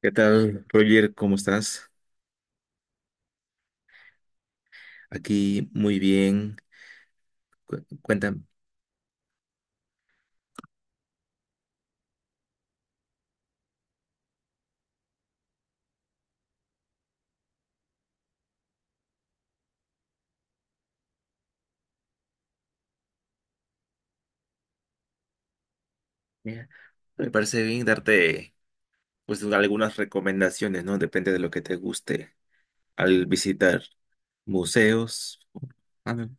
¿Qué tal, Roger? ¿Cómo estás? Aquí muy bien. Cuéntame. Mira, me parece bien darte, pues, algunas recomendaciones, ¿no? Depende de lo que te guste al visitar museos. Ah, no.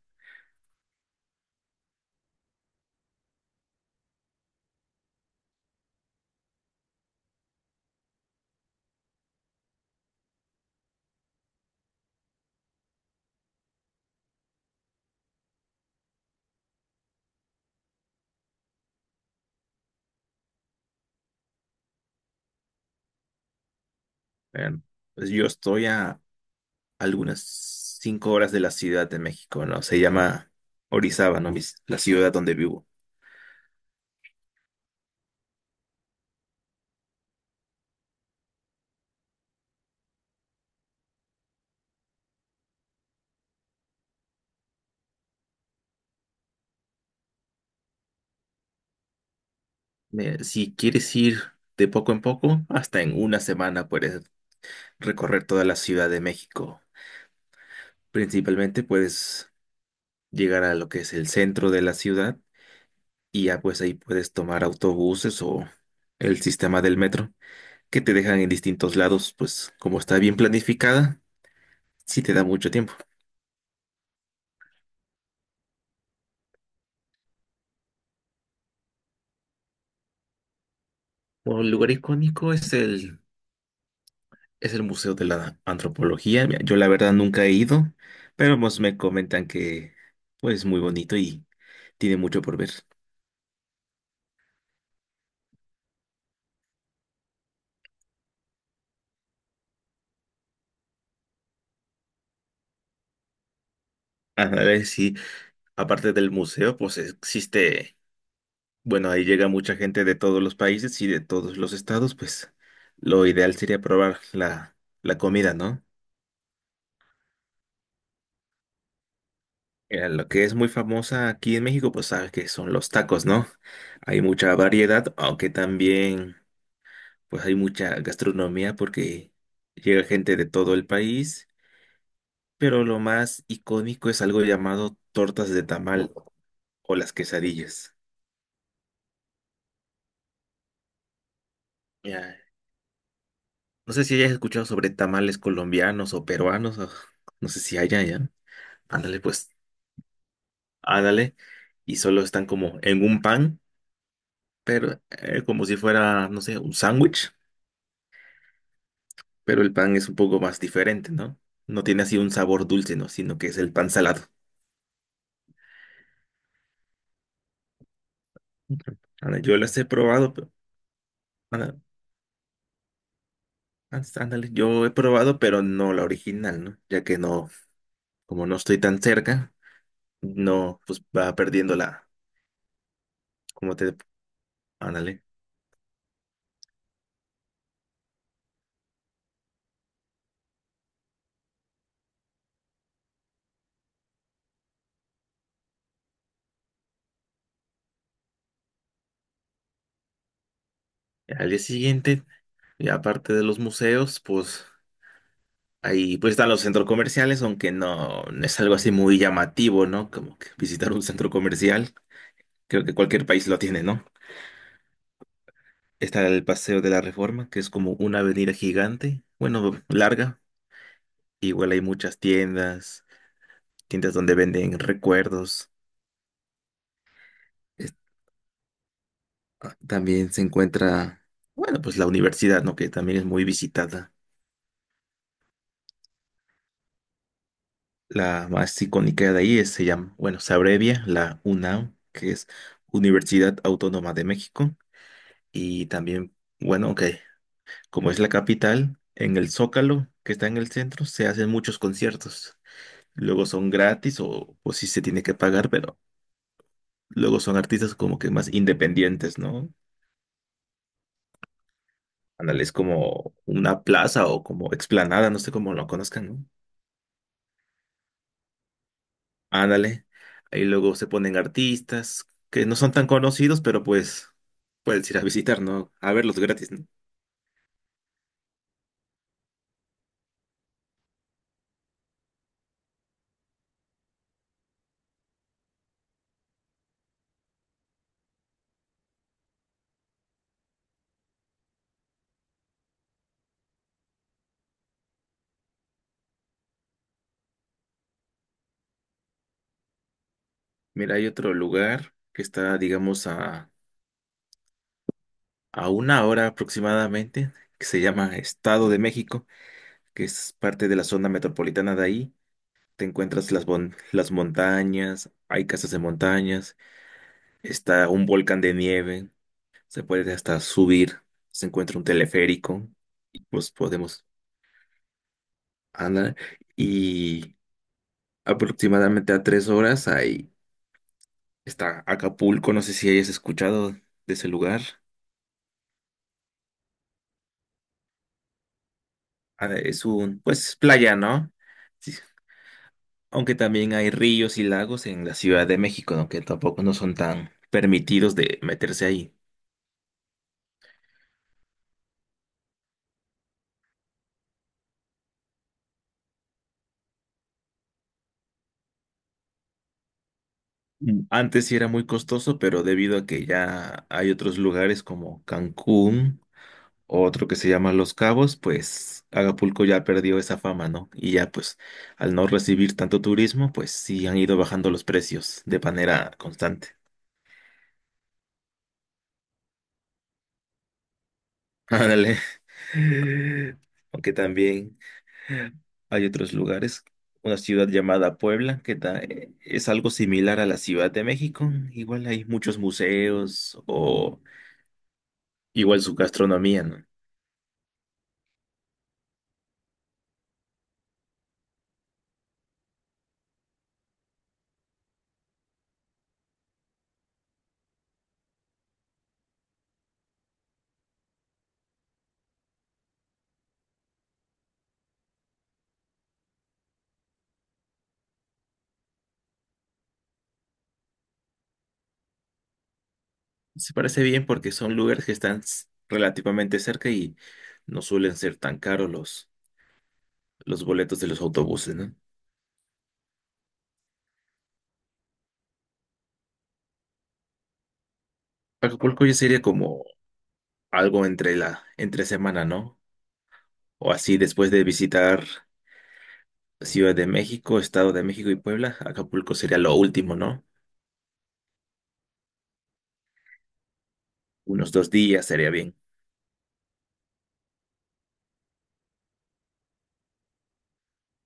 Eh, pues yo estoy a algunas 5 horas de la Ciudad de México, ¿no? Se llama Orizaba, ¿no? La ciudad donde vivo. Si quieres ir de poco en poco, hasta en una semana puedes recorrer toda la Ciudad de México. Principalmente, pues, llegar a lo que es el centro de la ciudad, y ya pues ahí puedes tomar autobuses o el sistema del metro, que te dejan en distintos lados, pues como está bien planificada, sí te da mucho tiempo. Un lugar icónico es el Museo de la Antropología. Mira, yo la verdad nunca he ido, pero pues me comentan que pues es muy bonito y tiene mucho por ver. A ver si aparte del museo, pues existe. Bueno, ahí llega mucha gente de todos los países y de todos los estados, pues lo ideal sería probar la comida, ¿no? Mira, lo que es muy famosa aquí en México, pues sabes que son los tacos, ¿no? Hay mucha variedad, aunque también, pues, hay mucha gastronomía porque llega gente de todo el país, pero lo más icónico es algo llamado tortas de tamal o las quesadillas. Ya, no sé si hayas escuchado sobre tamales colombianos o peruanos, o no sé si haya ya. Ándale, pues, ándale, y solo están como en un pan, pero como si fuera, no sé, un sándwich, pero el pan es un poco más diferente, ¿no? No tiene así un sabor dulce, ¿no? Sino que es el pan salado. Ujú. Ándale, yo las he probado. Ándale, ándale, ándale, yo he probado, pero no la original, ¿no? Ya que no, como no estoy tan cerca, no, pues va perdiendo la, como te, ándale. Al día siguiente, y aparte de los museos, pues ahí pues están los centros comerciales, aunque no, no es algo así muy llamativo, ¿no? Como que visitar un centro comercial, creo que cualquier país lo tiene, ¿no? Está el Paseo de la Reforma, que es como una avenida gigante, bueno, larga. Igual hay muchas tiendas, tiendas donde venden recuerdos. Es- También se encuentra, bueno, pues la universidad, ¿no? Que también es muy visitada. La más icónica de ahí es, se llama, bueno, se abrevia la UNAM, que es Universidad Autónoma de México. Y también, bueno, ok, como es la capital, en el Zócalo, que está en el centro, se hacen muchos conciertos. Luego son gratis o sí se tiene que pagar, pero luego son artistas como que más independientes, ¿no? Ándale, es como una plaza o como explanada, no sé cómo lo conozcan, ¿no? Ándale. Ahí luego se ponen artistas que no son tan conocidos, pero pues puedes ir a visitar, ¿no? A verlos gratis, ¿no? Mira, hay otro lugar que está, digamos, a una hora aproximadamente, que se llama Estado de México, que es parte de la zona metropolitana de ahí. Te encuentras las montañas, hay casas de montañas, está un volcán de nieve, se puede hasta subir, se encuentra un teleférico, y pues podemos andar. Y aproximadamente a 3 horas ahí está Acapulco, no sé si hayas escuchado de ese lugar. Es un, pues, playa, ¿no? Sí. Aunque también hay ríos y lagos en la Ciudad de México, ¿no? Que tampoco no son tan permitidos de meterse ahí. Mm. Antes sí era muy costoso, pero debido a que ya hay otros lugares como Cancún, otro que se llama Los Cabos, pues Acapulco ya perdió esa fama, ¿no? Y ya pues al no recibir tanto turismo, pues sí han ido bajando los precios de manera constante. Ándale. Aunque también... hay otros lugares, una ciudad llamada Puebla, que es algo similar a la Ciudad de México. Igual hay muchos museos o igual su gastronomía, ¿no? Se parece bien porque son lugares que están relativamente cerca y no suelen ser tan caros los boletos de los autobuses, ¿no? Acapulco ya sería como algo entre semana, ¿no? O así después de visitar Ciudad de México, Estado de México y Puebla, Acapulco sería lo último, ¿no? Unos 2 días sería bien.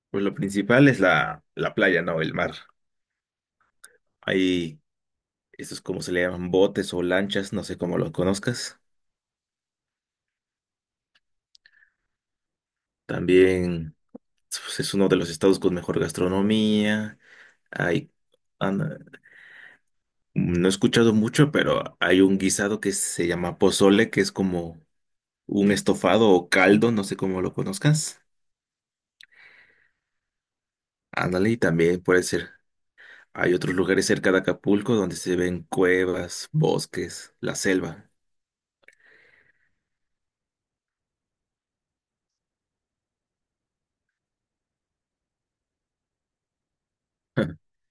Pues lo principal es la playa, ¿no? El mar. Hay estos, como se le llaman, botes o lanchas, no sé cómo los conozcas. También, pues, es uno de los estados con mejor gastronomía. Hay, an- no he escuchado mucho, pero hay un guisado que se llama pozole, que es como un estofado o caldo, no sé cómo lo conozcas. Ándale, y también puede ser. Hay otros lugares cerca de Acapulco donde se ven cuevas, bosques, la selva.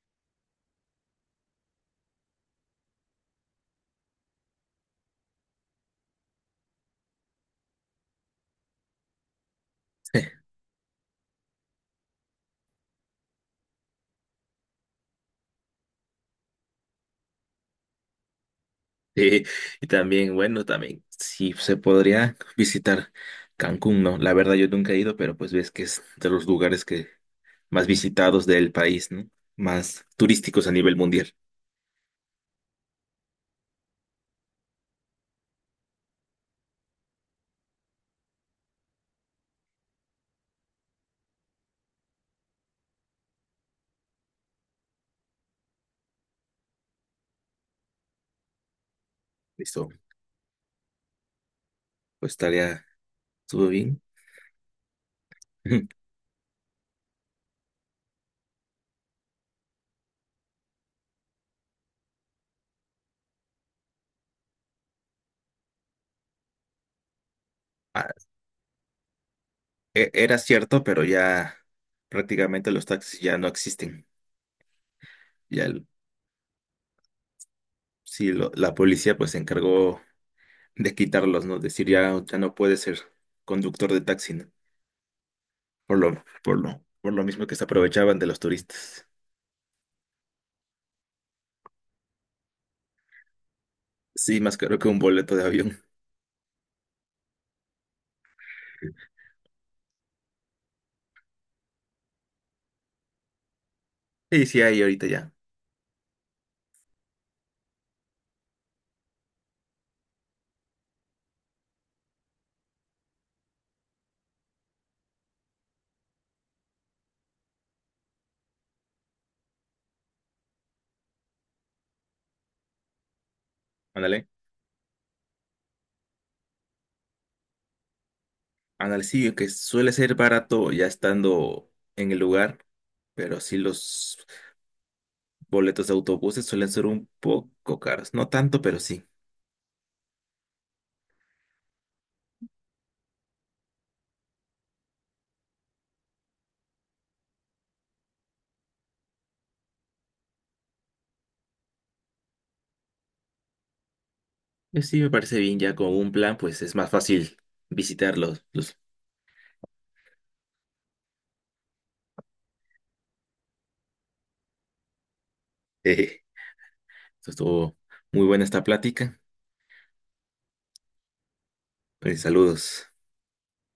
Sí, y también, bueno, también sí se podría visitar Cancún, ¿no? La verdad yo nunca he ido, pero pues ves que es de los lugares que más visitados del país, ¿no? Más turísticos a nivel mundial. Listo, pues estaría todo bien. Ah, era cierto, pero ya prácticamente los taxis ya no existen. Ya el- sí, la policía pues se encargó de quitarlos, ¿no? Decir ya, ya no puede ser conductor de taxi, ¿no? Por lo mismo que se aprovechaban de los turistas. Sí, más caro que un boleto de avión. Sí, sí, hay ahorita ya. Ándale. Ándale, sí, que suele ser barato ya estando en el lugar, pero sí los boletos de autobuses suelen ser un poco caros. No tanto, pero sí. Pues sí, me parece bien, ya con un plan, pues es más fácil visitarlos. Los... Esto estuvo muy buena esta plática. Pues saludos.